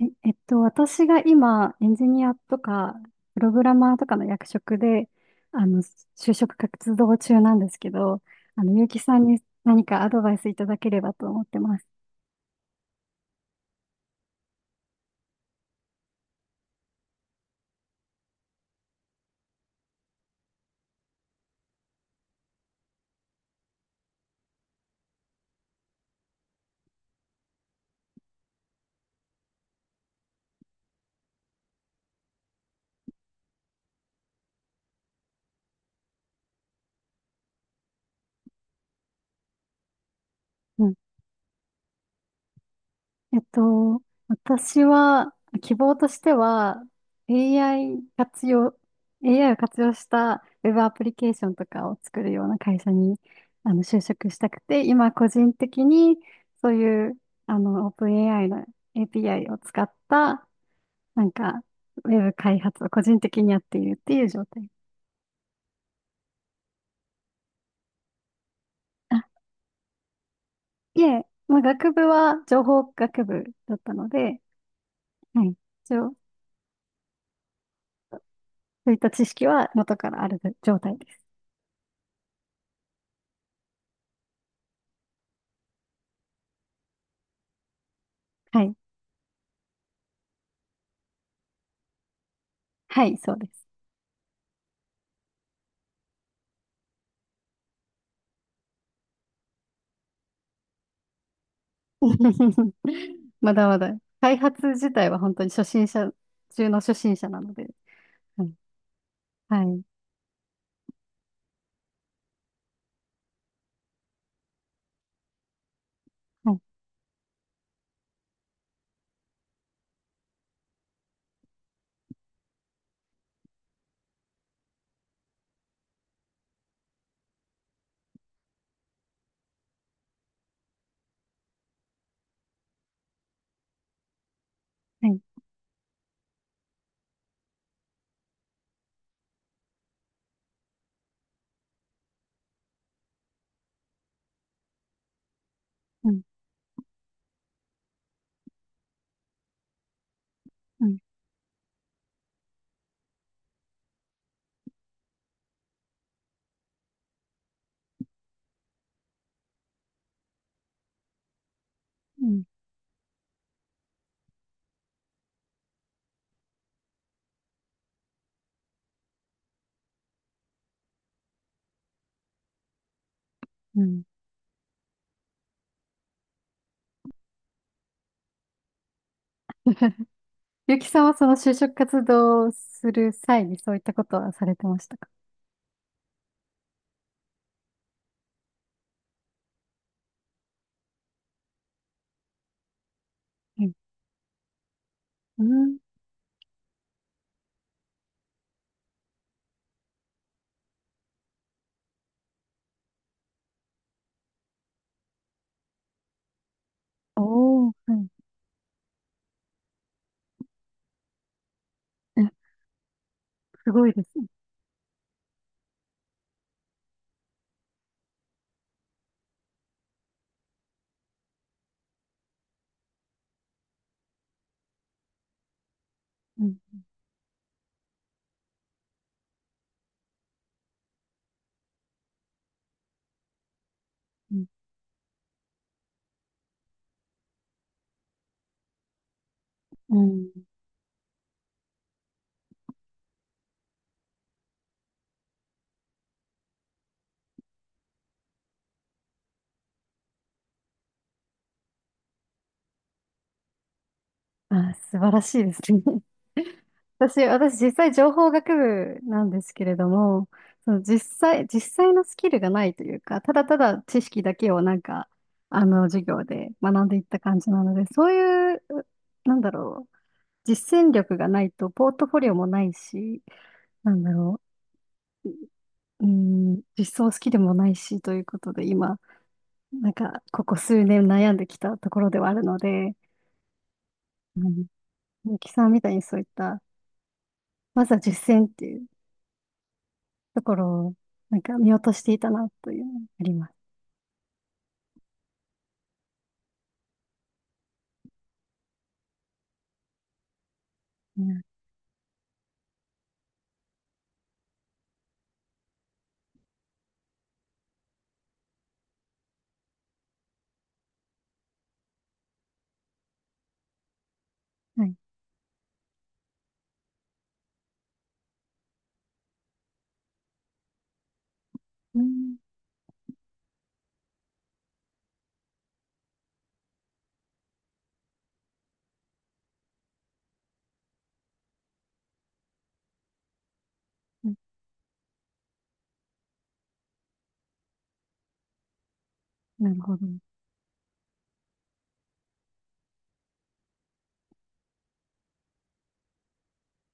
私が今、エンジニアとか、プログラマーとかの役職で、あの、就職活動中なんですけど、結城さんに何かアドバイスいただければと思ってます。えっと、私は、希望としては、AI 活用、AI を活用したウェブアプリケーションとかを作るような会社に、就職したくて、今個人的に、そういう、オープン AI の API を使った、なんか、ウェブ開発を個人的にやっているっていう状態。あ、いえ、まあ、学部は情報学部だったので、はい。一応、そういった知識は元からある状態です。はい。はい、そうです。まだまだ。開発自体は本当に初心者中の初心者なので。はい。はい。はい。はい。うん。うん。うん。うん。ゆきさんはその就職活動をする際にそういったことはされてましたか。はい。うん。おー、はい。え、すごいですね。うん。うん。うん。あー、素晴らしいですね。私実際情報学部なんですけれども、実際のスキルがないというか、ただただ知識だけを授業で学んでいった感じなので、そういう、なんだろう、実践力がないと、ポートフォリオもないし、なんだろう、うーん、実装スキルもないし、ということで、今、ここ数年悩んできたところではあるので、うん、ゆきさんみたいにそういった、まずは実践っていうところを、見落としていたな、というのがありますね。はい。うん。な、なるほど。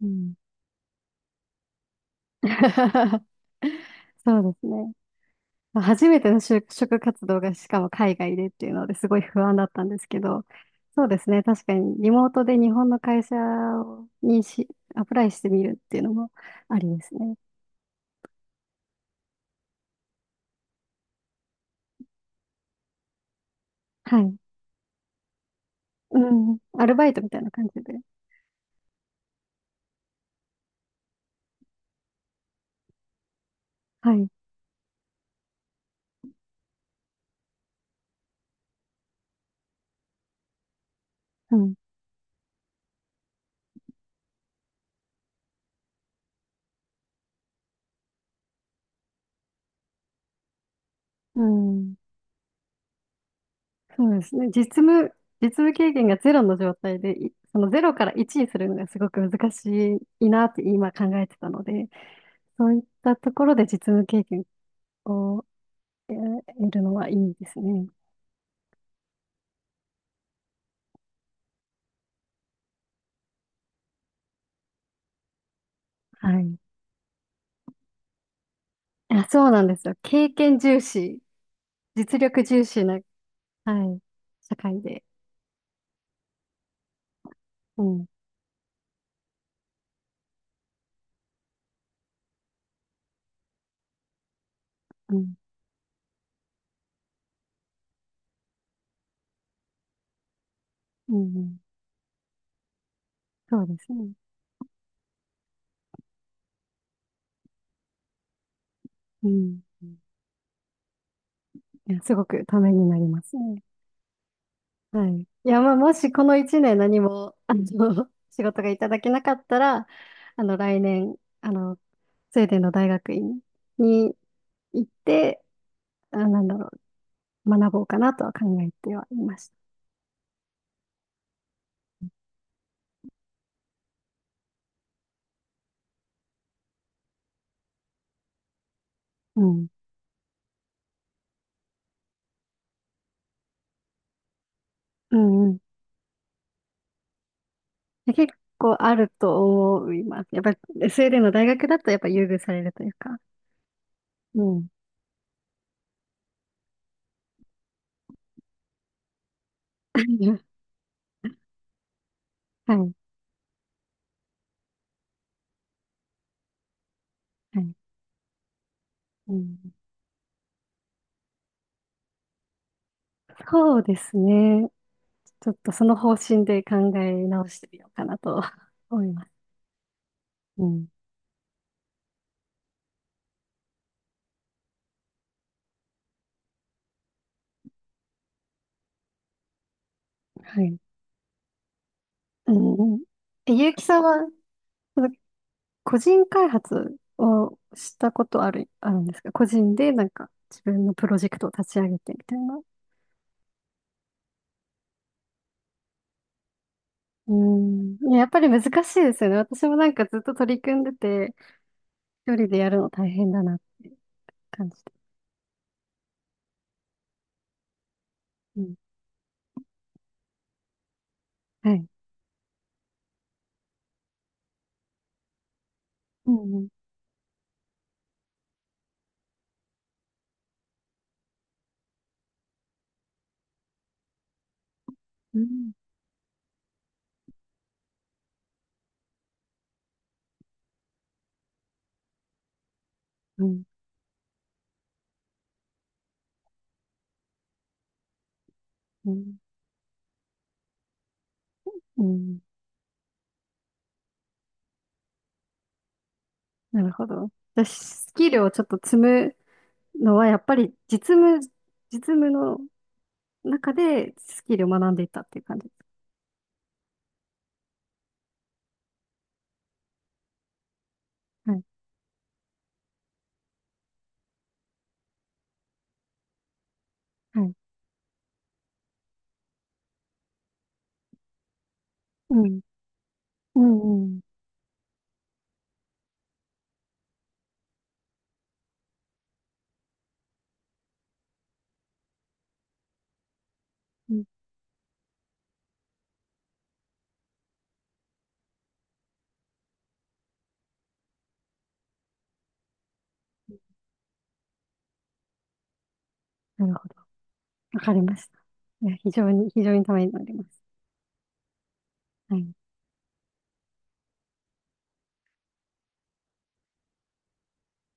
うん。そうですね。まあ初めての就職活動がしかも海外でっていうのですごい不安だったんですけど、そうですね。確かにリモートで日本の会社にし、アプライしてみるっていうのもありですね。はい。うん。アルバイトみたいな感じで。はい。うん。うん。そうですね。実務経験がゼロの状態で、いそのゼロから1にするのがすごく難しいなって今考えてたので、そういったところで実務経験を得るのはいいですね。はい。あ、そうなんですよ。経験重視、実力重視な、はい、社会で。うん、うん、うん、うん。そうですね。うん。いや、すごくためになりますね。はい。いや、まあ、もしこの一年何も、仕事がいただけなかったら、来年、あの、スウェーデンの大学院に行って、あ、なんだろう、学ぼうかなとは考えてはいました。うん。うんうん。で結構あると思います。やっぱり、スウェーデンの大学だとやっぱ優遇されるというか。うん。はい。はい。うん。そうですね。ちょっとその方針で考え直してみようかなと思います。うん。はい。うんうん。え、ゆうきさんは、その個人開発をしたことある、あるんですか、個人でなんか自分のプロジェクトを立ち上げてみたいな。うん。いや、やっぱり難しいですよね。私もなんかずっと取り組んでて、一人でやるの大変だなって感じて。うん。はい。うんうん。うん。うん。うん。なるほど。私、スキルをちょっと積むのは、やっぱり実務の中でスキルを学んでいったっていう感じです。はい。はい。うん。うん、うん。うん。なるほど。わかりました。いや、非常にためになります。はい。